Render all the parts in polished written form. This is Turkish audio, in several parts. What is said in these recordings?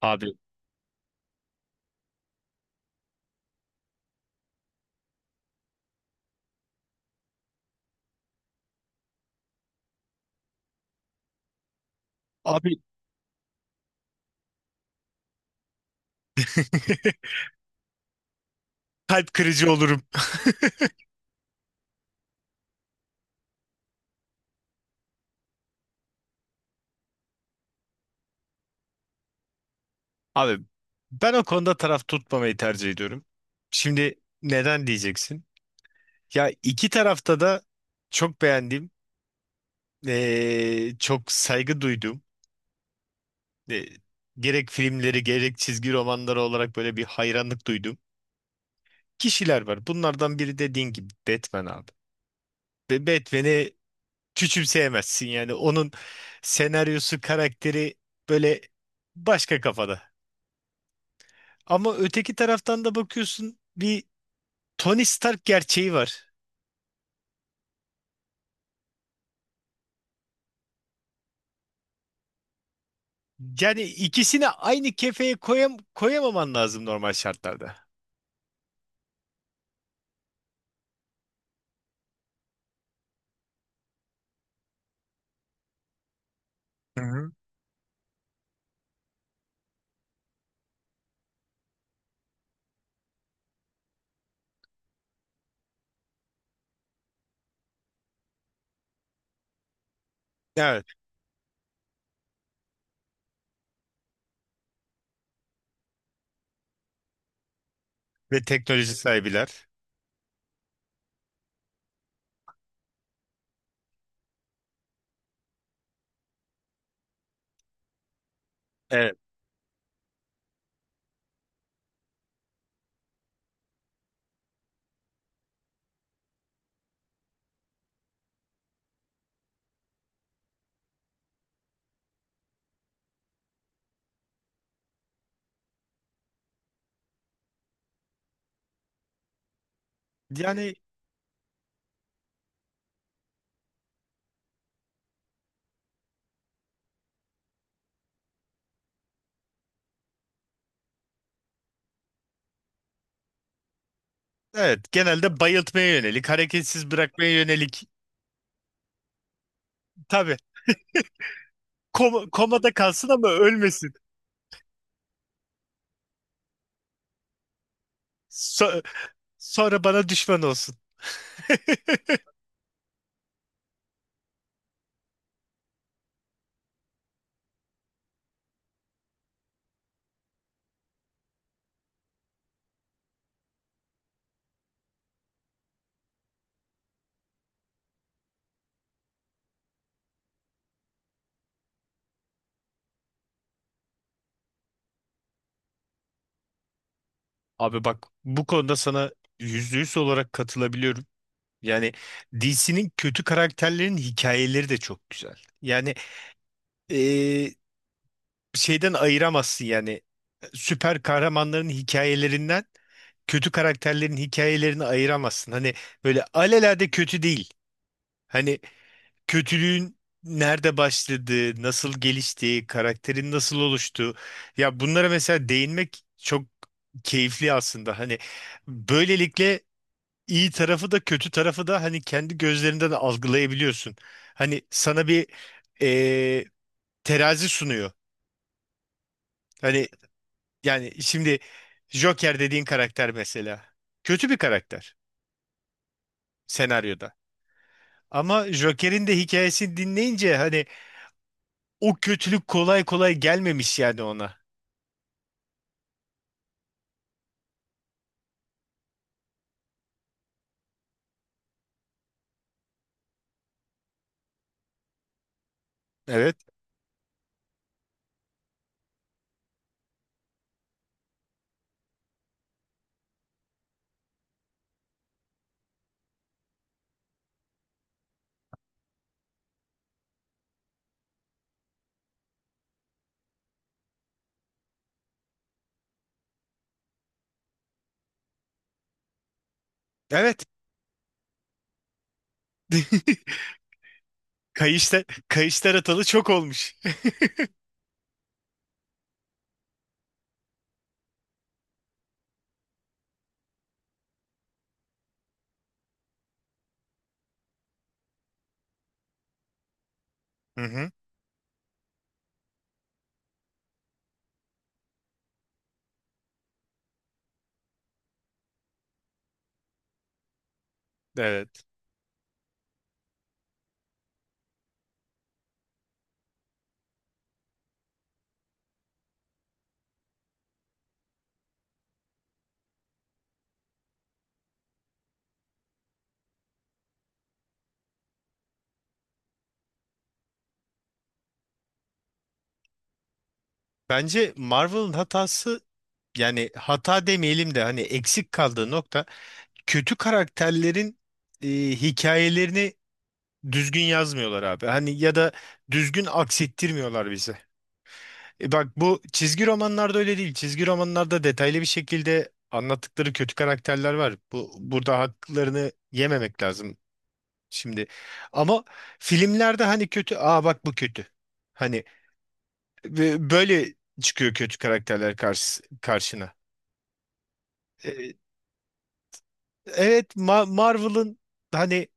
Abi, abi, kalp kırıcı olurum. Abi, ben o konuda taraf tutmamayı tercih ediyorum. Şimdi, neden diyeceksin? Ya iki tarafta da çok beğendiğim, çok saygı duyduğum, eee, gerek filmleri gerek çizgi romanları olarak böyle bir hayranlık duyduğum kişiler var. Bunlardan biri dediğin gibi Batman abi. Ve Batman'i küçümseyemezsin, yani onun senaryosu, karakteri böyle başka kafada. Ama öteki taraftan da bakıyorsun, bir Tony Stark gerçeği var. Yani ikisini aynı kefeye koyamaman lazım normal şartlarda. Hı hı. Evet. Ve teknoloji sahibiler. Evet. Yani evet, genelde bayıltmaya yönelik, hareketsiz bırakmaya yönelik. Tabii, komada kalsın ama ölmesin. So- sonra bana düşman olsun. Abi, bak bu konuda sana %100 olarak katılabiliyorum. Yani DC'nin kötü karakterlerin hikayeleri de çok güzel. Yani, eee, şeyden ayıramazsın, yani süper kahramanların hikayelerinden kötü karakterlerin hikayelerini ayıramazsın. Hani böyle alelade kötü değil. Hani kötülüğün nerede başladığı, nasıl geliştiği, karakterin nasıl oluştuğu. Ya bunlara mesela değinmek çok keyifli aslında. Hani böylelikle iyi tarafı da kötü tarafı da hani kendi gözlerinden algılayabiliyorsun. Hani sana bir eee, terazi sunuyor. Hani yani şimdi Joker dediğin karakter mesela kötü bir karakter senaryoda. Ama Joker'in de hikayesini dinleyince hani o kötülük kolay kolay gelmemiş yani ona. Evet. Evet. Kayışlar atalı çok olmuş. Hı hı. Evet. Bence Marvel'ın hatası, yani hata demeyelim de hani eksik kaldığı nokta, kötü karakterlerin hikayelerini düzgün yazmıyorlar abi. Hani ya da düzgün aksettirmiyorlar bize. Bak, bu çizgi romanlarda öyle değil. Çizgi romanlarda detaylı bir şekilde anlattıkları kötü karakterler var. Bu burada haklarını yememek lazım şimdi. Ama filmlerde hani kötü, aa bak bu kötü. Hani böyle çıkıyor kötü karakterler karşına. E, evet, Marvel'ın hani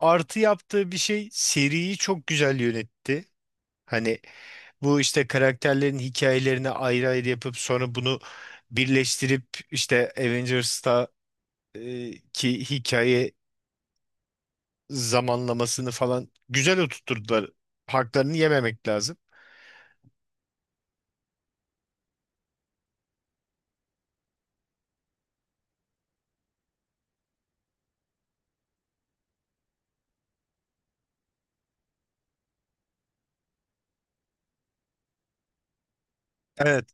artı yaptığı bir şey, seriyi çok güzel yönetti. Hani bu işte karakterlerin hikayelerini ayrı ayrı yapıp sonra bunu birleştirip işte Avengers'ta ki hikaye zamanlamasını falan güzel oturtturdular. Haklarını yememek lazım. Evet.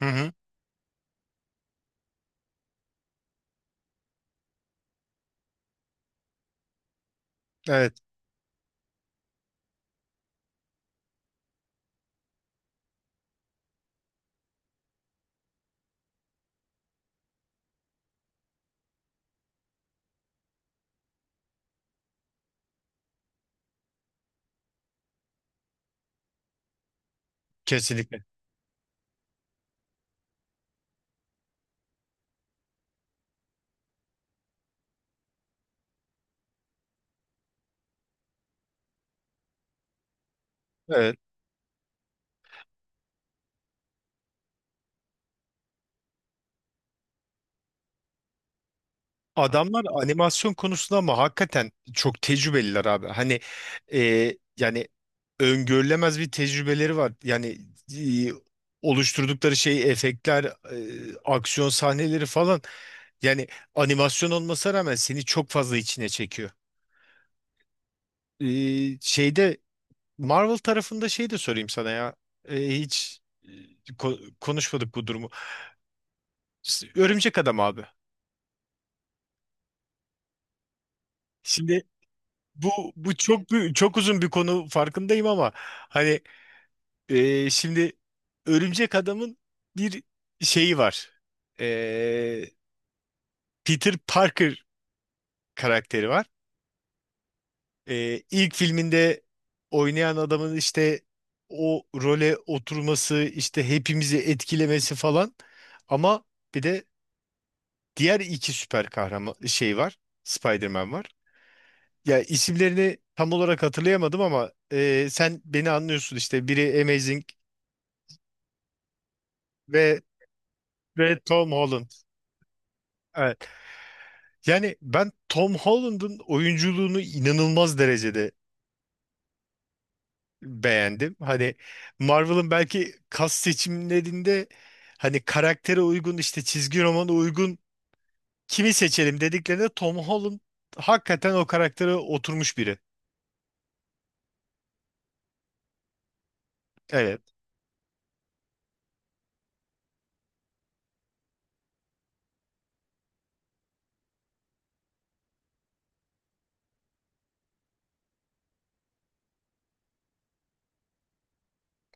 Hı hı. Evet. Kesinlikle. Evet. Adamlar animasyon konusunda ama hakikaten çok tecrübeliler abi. Hani, e, yani öngörülemez bir tecrübeleri var. Yani e, oluşturdukları şey efektler, aksiyon sahneleri falan. Yani animasyon olmasına rağmen seni çok fazla içine çekiyor. Şeyde Marvel tarafında şey de sorayım sana ya. Hiç konuşmadık bu durumu. Örümcek Adam abi. Şimdi, bu çok uzun bir konu farkındayım ama hani şimdi Örümcek Adam'ın bir şeyi var. E, Peter Parker karakteri var. İlk filminde oynayan adamın işte o role oturması, işte hepimizi etkilemesi falan. Ama bir de diğer iki süper kahraman şey var. Spider-Man var. Ya isimlerini tam olarak hatırlayamadım ama sen beni anlıyorsun, işte biri Amazing Ve ve Tom Holland. Evet. Yani ben Tom Holland'ın oyunculuğunu inanılmaz derecede beğendim. Hani Marvel'ın belki kas seçimlerinde hani karaktere uygun işte çizgi romana uygun kimi seçelim dediklerinde Tom Holland hakikaten o karaktere oturmuş biri. Evet.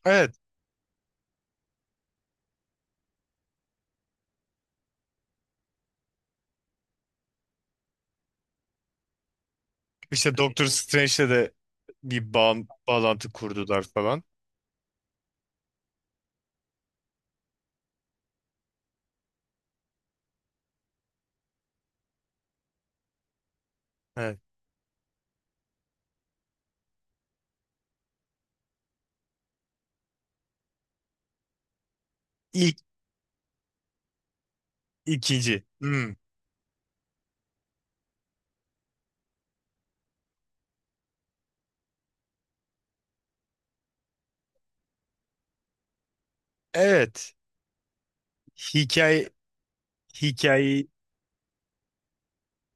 Evet. İşte Doctor Strange'le de bir bağlantı kurdular falan. Evet. İlk. İkinci. Hmm. Evet. Hikaye hikayeyi.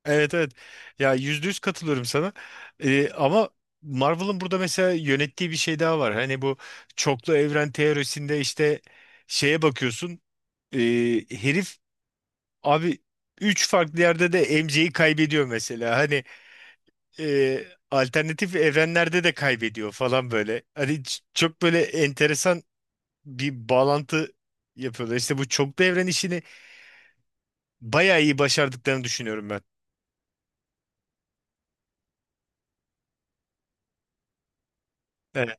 Evet, evet. Ya %100 katılıyorum sana. Ama Marvel'ın burada mesela yönettiği bir şey daha var. Hani bu çoklu evren teorisinde işte şeye bakıyorsun. ee, herif abi üç farklı yerde de MC'yi kaybediyor mesela. Hani ee, alternatif evrenlerde de kaybediyor falan böyle. Hani çok böyle enteresan bir bağlantı yapıyorlar. İşte bu çoklu evren işini bayağı iyi başardıklarını düşünüyorum ben. Evet.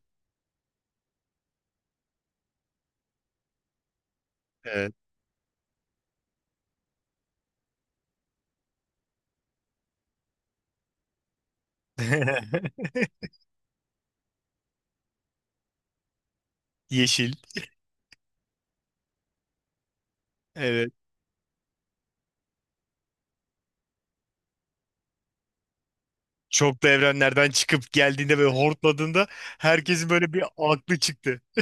Evet. Yeşil. Evet. Çoklu evrenlerden çıkıp geldiğinde ve hortladığında herkesin böyle bir aklı çıktı.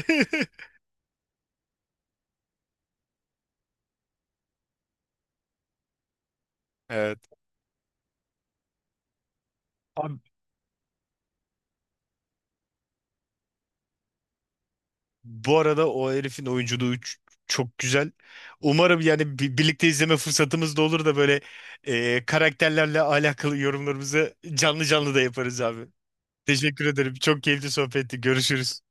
Evet. Abi, bu arada o herifin oyunculuğu çok güzel. Umarım yani birlikte izleme fırsatımız da olur da böyle karakterlerle alakalı yorumlarımızı canlı canlı da yaparız abi. Teşekkür ederim. Çok keyifli sohbetti. Görüşürüz.